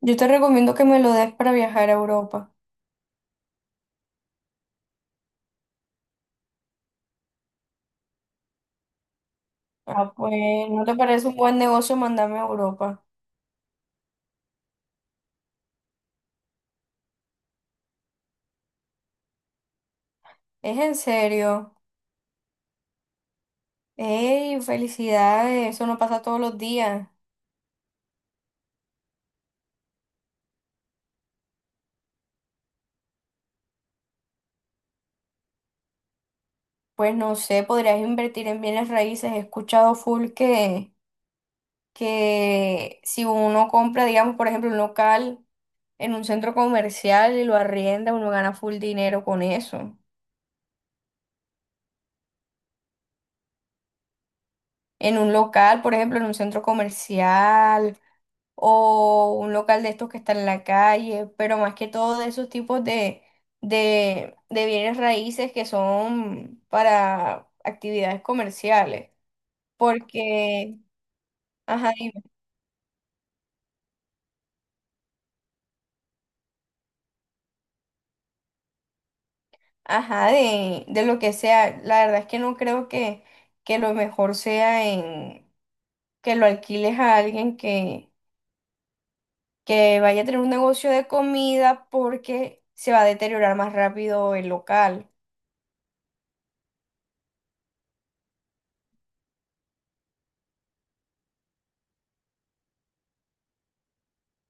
Yo te recomiendo que me lo des para viajar a Europa. Ah, pues, ¿no te parece un buen negocio mandarme a Europa? Es en serio. ¡Ey, felicidades! Eso no pasa todos los días. Pues no sé, podrías invertir en bienes raíces. He escuchado full que si uno compra, digamos, por ejemplo, un local en un centro comercial y lo arrienda, uno gana full dinero con eso. En un local, por ejemplo, en un centro comercial, o un local de estos que está en la calle, pero más que todo de esos tipos de bienes raíces que son para actividades comerciales, porque, ajá, dime, ajá, de lo que sea, la verdad es que no creo que lo mejor sea en que lo alquiles a alguien que vaya a tener un negocio de comida porque se va a deteriorar más rápido el local.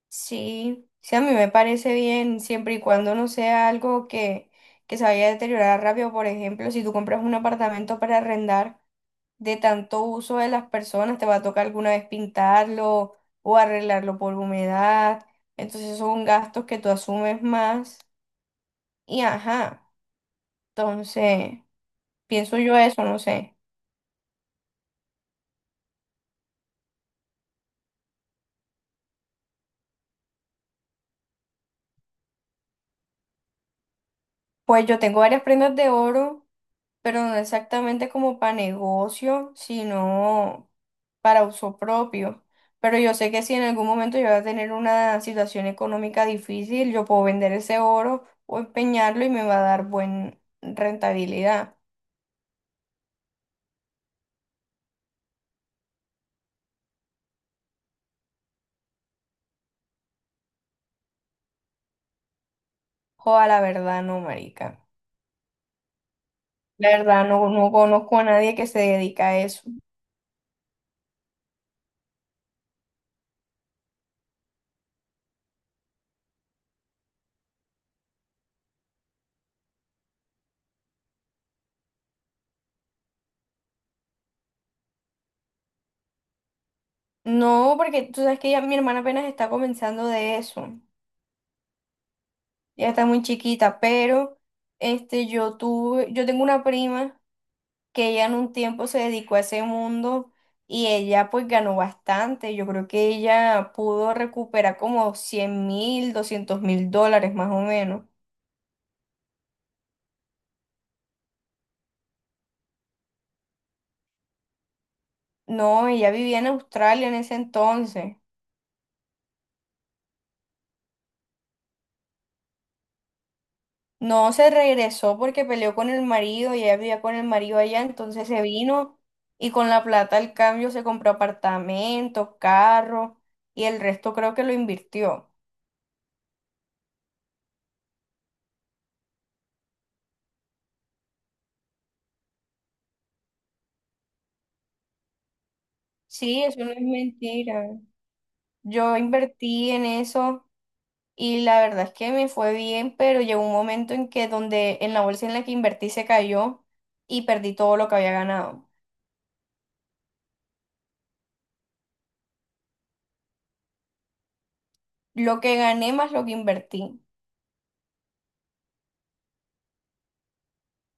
Sí, sí, a mí me parece bien siempre y cuando no sea algo que se vaya a deteriorar rápido. Por ejemplo, si tú compras un apartamento para arrendar, de tanto uso de las personas, te va a tocar alguna vez pintarlo o arreglarlo por humedad. Entonces son gastos que tú asumes más. Y ajá, entonces pienso yo eso, no sé. Pues yo tengo varias prendas de oro pero no exactamente como para negocio, sino para uso propio. Pero yo sé que si en algún momento yo voy a tener una situación económica difícil, yo puedo vender ese oro o empeñarlo y me va a dar buena rentabilidad. Joda, la verdad no, marica. La verdad no, no conozco a nadie que se dedica a eso. No, porque tú sabes que ya mi hermana apenas está comenzando de eso. Ya está muy chiquita, pero este, yo tengo una prima que ella en un tiempo se dedicó a ese mundo y ella pues ganó bastante. Yo creo que ella pudo recuperar como 100.000, 200.000 dólares más o menos. No, ella vivía en Australia en ese entonces. No se regresó porque peleó con el marido y ella vivía con el marido allá, entonces se vino y con la plata al cambio se compró apartamentos, carros y el resto creo que lo invirtió. Sí, eso no es mentira. Yo invertí en eso y la verdad es que me fue bien, pero llegó un momento en que donde en la bolsa en la que invertí se cayó y perdí todo lo que había ganado. Lo que gané más lo que invertí.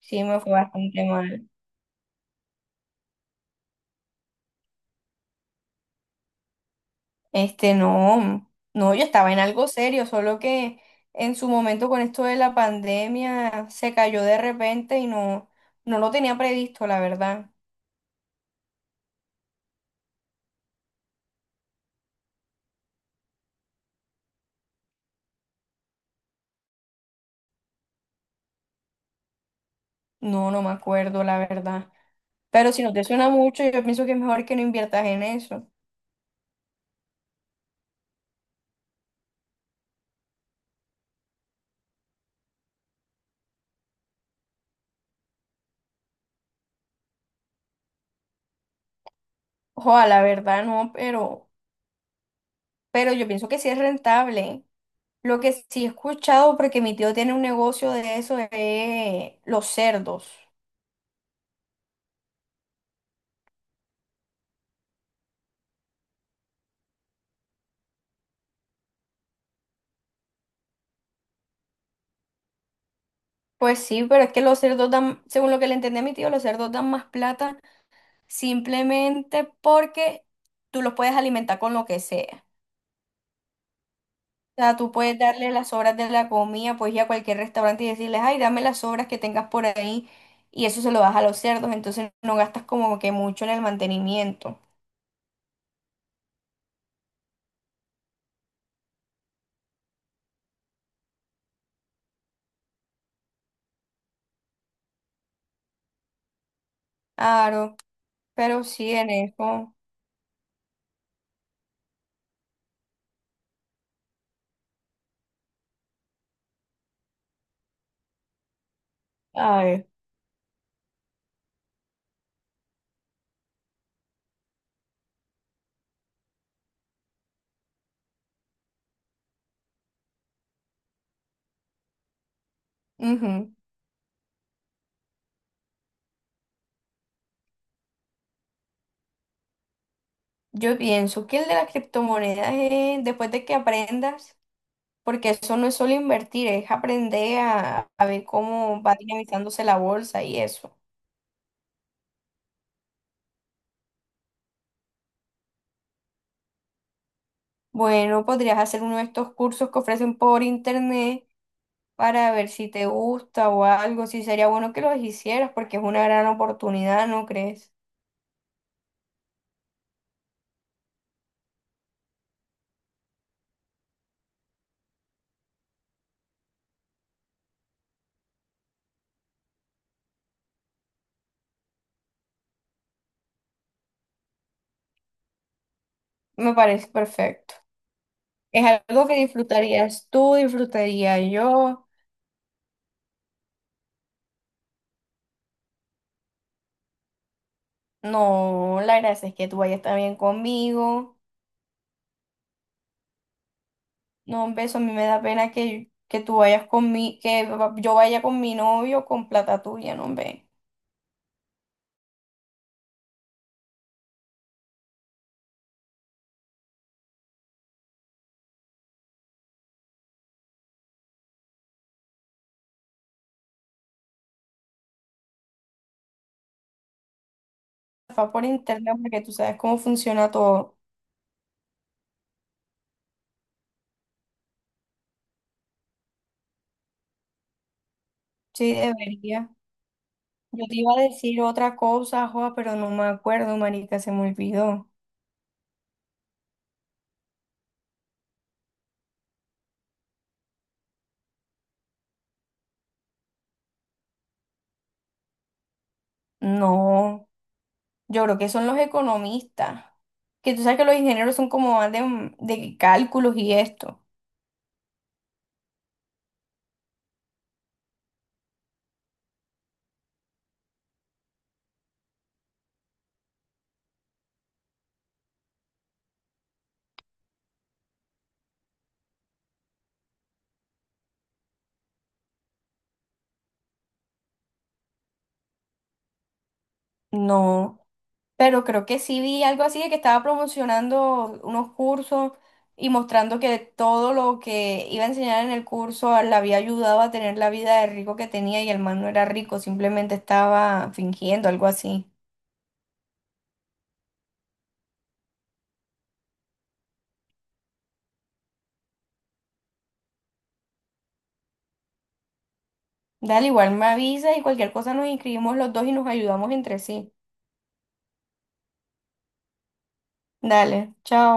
Sí, me fue bastante mal. Este, no, no, yo estaba en algo serio, solo que en su momento con esto de la pandemia se cayó de repente y no, no lo tenía previsto, la verdad. No, no me acuerdo, la verdad. Pero si no te suena mucho, yo pienso que es mejor que no inviertas en eso. Ojalá, la verdad, no, pero yo pienso que sí es rentable. Lo que sí he escuchado, porque mi tío tiene un negocio de eso, es los cerdos. Pues sí, pero es que los cerdos dan, según lo que le entendí a mi tío, los cerdos dan más plata simplemente porque tú los puedes alimentar con lo que sea. O sea, tú puedes darle las sobras de la comida, pues ir a cualquier restaurante y decirles, ay, dame las sobras que tengas por ahí, y eso se lo das a los cerdos, entonces no gastas como que mucho en el mantenimiento. Claro, pero sí en eso. Ay. Ujú. Yo pienso que el de las criptomonedas es después de que aprendas, porque eso no es solo invertir, es aprender a ver cómo va dinamizándose la bolsa y eso. Bueno, podrías hacer uno de estos cursos que ofrecen por internet para ver si te gusta o algo, si sería bueno que los hicieras, porque es una gran oportunidad, ¿no crees? Me parece perfecto. Es algo que disfrutarías tú, disfrutaría yo. No, la gracia es que tú vayas también conmigo. No, un beso, a mí me da pena que tú vayas con mi, yo vaya con mi novio con plata tuya, no, hombre. Va por internet porque tú sabes cómo funciona todo. Sí, debería. Yo te iba a decir otra cosa, Joa, pero no me acuerdo, marica, se me olvidó. No, yo creo que son los economistas. Que tú sabes que los ingenieros son como más de cálculos y esto. No. Pero creo que sí vi algo así de que estaba promocionando unos cursos y mostrando que todo lo que iba a enseñar en el curso le había ayudado a tener la vida de rico que tenía y el man no era rico, simplemente estaba fingiendo algo así. Dale, igual me avisa y cualquier cosa nos inscribimos los dos y nos ayudamos entre sí. Dale, chao.